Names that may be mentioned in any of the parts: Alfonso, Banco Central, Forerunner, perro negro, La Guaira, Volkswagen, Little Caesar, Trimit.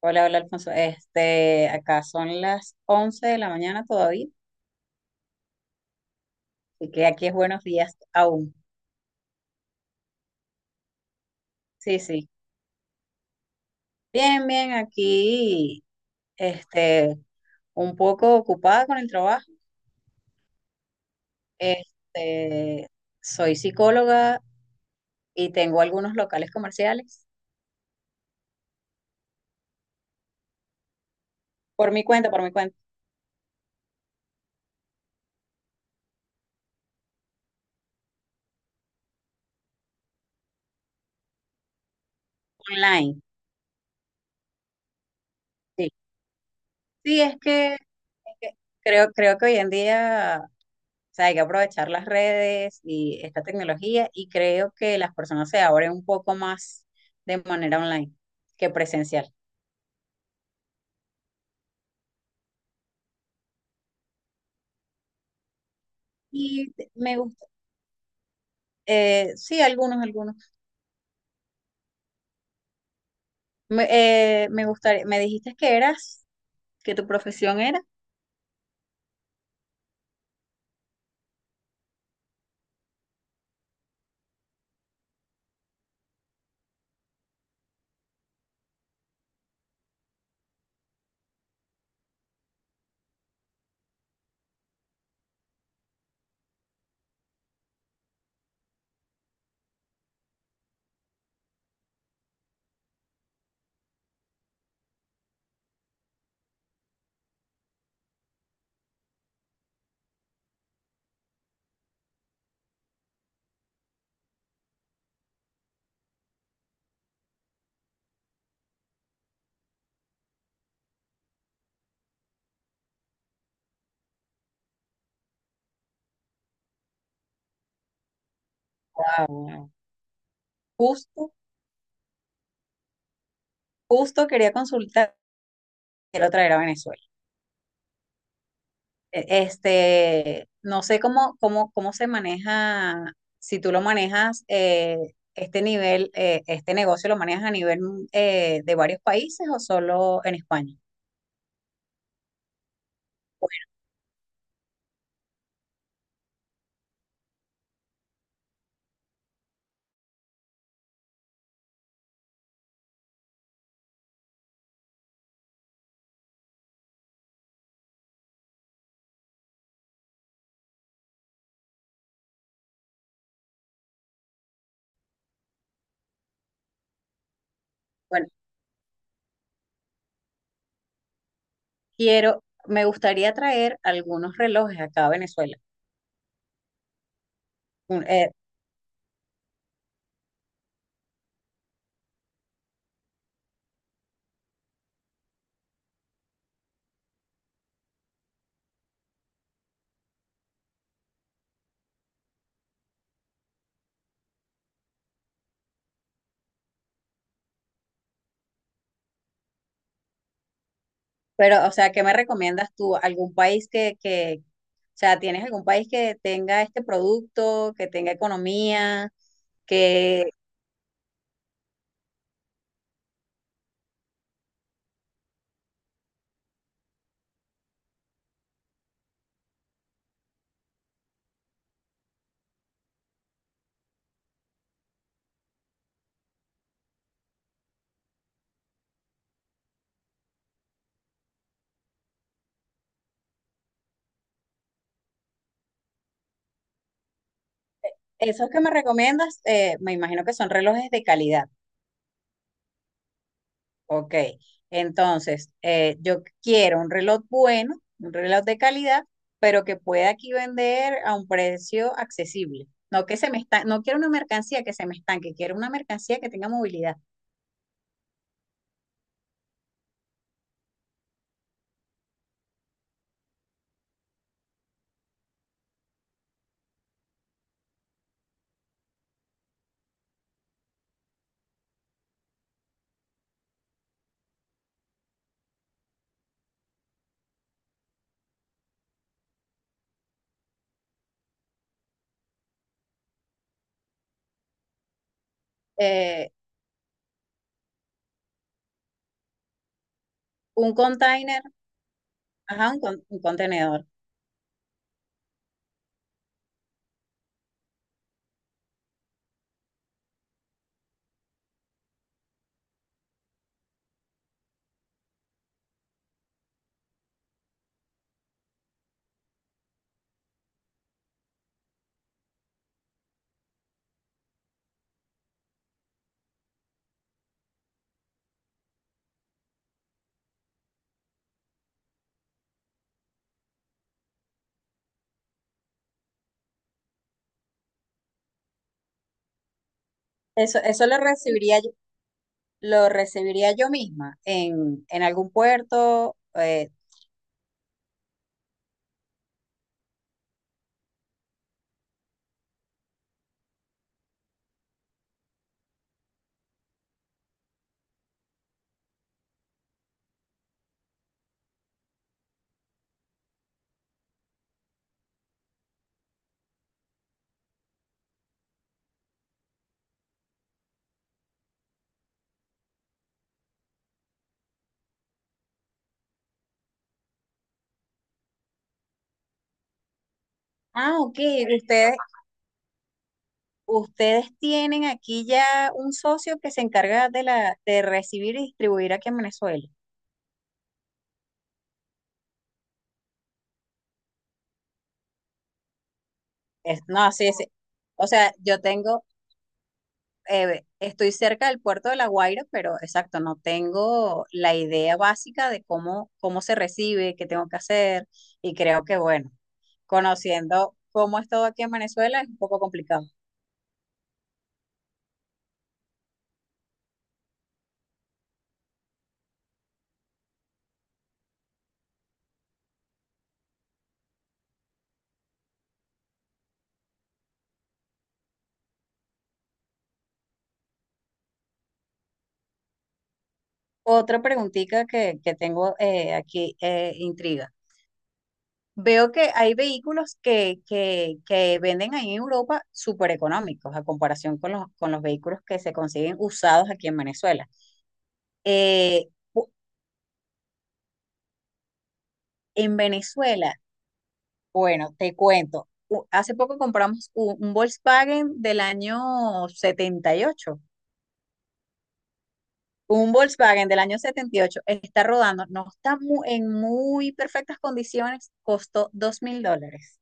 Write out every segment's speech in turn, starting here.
Hola, hola Alfonso. Acá son las 11 de la mañana todavía, así que aquí es buenos días aún. Sí, sí. Bien, bien, aquí, este, un poco ocupada con el trabajo. Este, soy psicóloga y tengo algunos locales comerciales por mi cuenta, online. Sí, sí, es que creo que hoy en día. O sea, hay que aprovechar las redes y esta tecnología y creo que las personas se abren un poco más de manera online que presencial. Y me gusta, sí, algunos, algunos. Me, me gustaría, me dijiste que tu profesión era. Wow. Justo, justo quería consultar, quiero traer a Venezuela. No sé cómo se maneja, si tú lo manejas, este negocio lo manejas a nivel de varios países o solo en España. Bueno, bueno, me gustaría traer algunos relojes acá a Venezuela. Un- eh, pero, o sea, ¿qué me recomiendas tú? ¿Algún país que, O sea, ¿tienes algún país que tenga este producto, que tenga economía, que esos que me recomiendas, me imagino que son relojes de calidad? Ok, entonces yo quiero un reloj bueno, un reloj de calidad, pero que pueda aquí vender a un precio accesible. No que se me está, No quiero una mercancía que se me estanque, quiero una mercancía que tenga movilidad. Eh, un container, ajá, un contenedor. Eso lo recibiría yo misma en algún puerto. Ah, ok, ustedes, ustedes tienen aquí ya un socio que se encarga de la de recibir y distribuir aquí en Venezuela. No, sí, sí. O sea, estoy cerca del puerto de La Guaira, pero exacto, no tengo la idea básica de cómo se recibe, qué tengo que hacer. Y creo que, bueno, conociendo cómo es todo aquí en Venezuela, es un poco complicado. Otra preguntita que tengo aquí, intriga. Veo que hay vehículos que venden ahí en Europa súper económicos a comparación con con los vehículos que se consiguen usados aquí en Venezuela. Eh, u- en Venezuela, bueno, te cuento, hace poco compramos un Volkswagen del año 78. Un Volkswagen del año 78 está rodando, no está en muy perfectas condiciones, costó $2.000,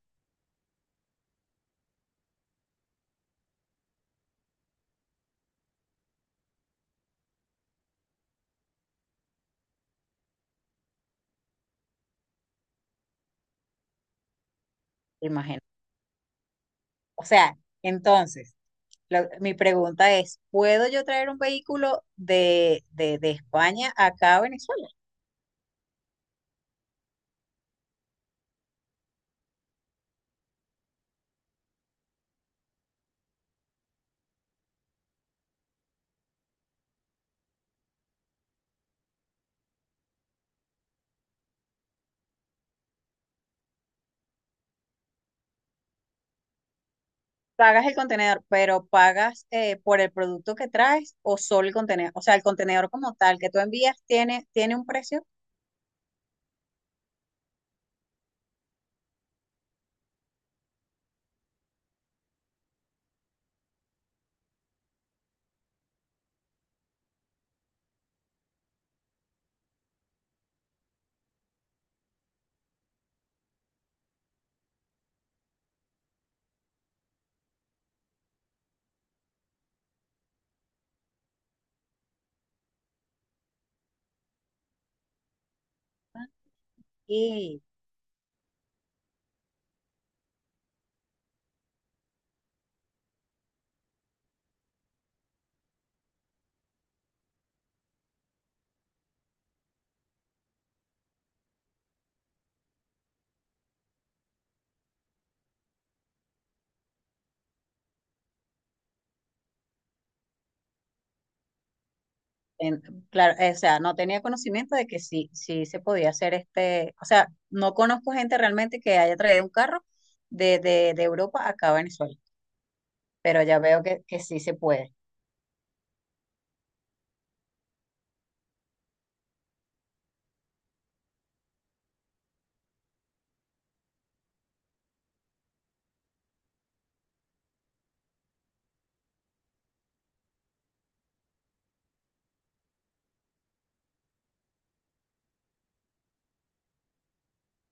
imagínate. O sea, entonces... Mi pregunta es, ¿puedo yo traer un vehículo de España acá a Venezuela? Pagas el contenedor, pero pagas por el producto que traes o solo el contenedor. O sea, el contenedor como tal que tú envías tiene un precio. Ah, y en- claro, o sea, no tenía conocimiento de que sí, sí se podía hacer este. O sea, no conozco gente realmente que haya traído un carro de Europa acá a Venezuela, pero ya veo que sí se puede.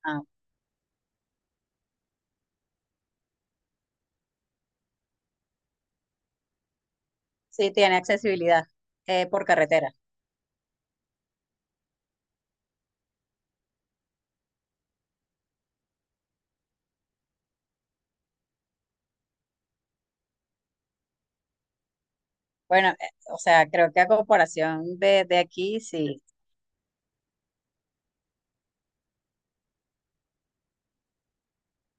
Ah, sí, tiene accesibilidad por carretera. Bueno, o sea, creo que a comparación de aquí, sí.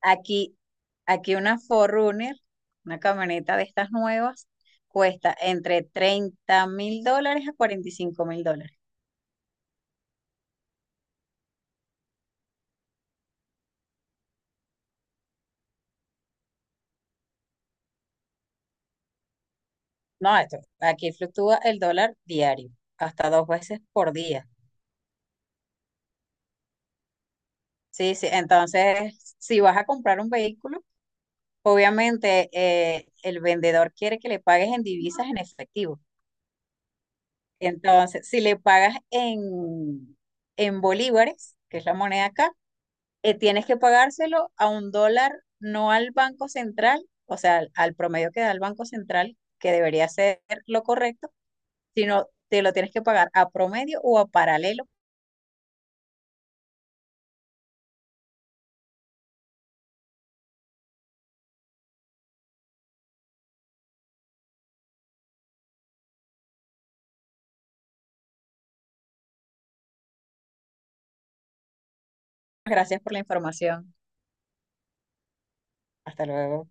Aquí, aquí una Forerunner, una camioneta de estas nuevas, cuesta entre $30.000 a $45.000. No, esto, aquí fluctúa el dólar diario, hasta dos veces por día. Sí, sí. Entonces, si vas a comprar un vehículo, obviamente el vendedor quiere que le pagues en divisas en efectivo. Entonces, si le pagas en bolívares, que es la moneda acá, tienes que pagárselo a un dólar, no al Banco Central, o sea, al promedio que da el Banco Central, que debería ser lo correcto, sino te lo tienes que pagar a promedio o a paralelo. Gracias por la información. Hasta luego.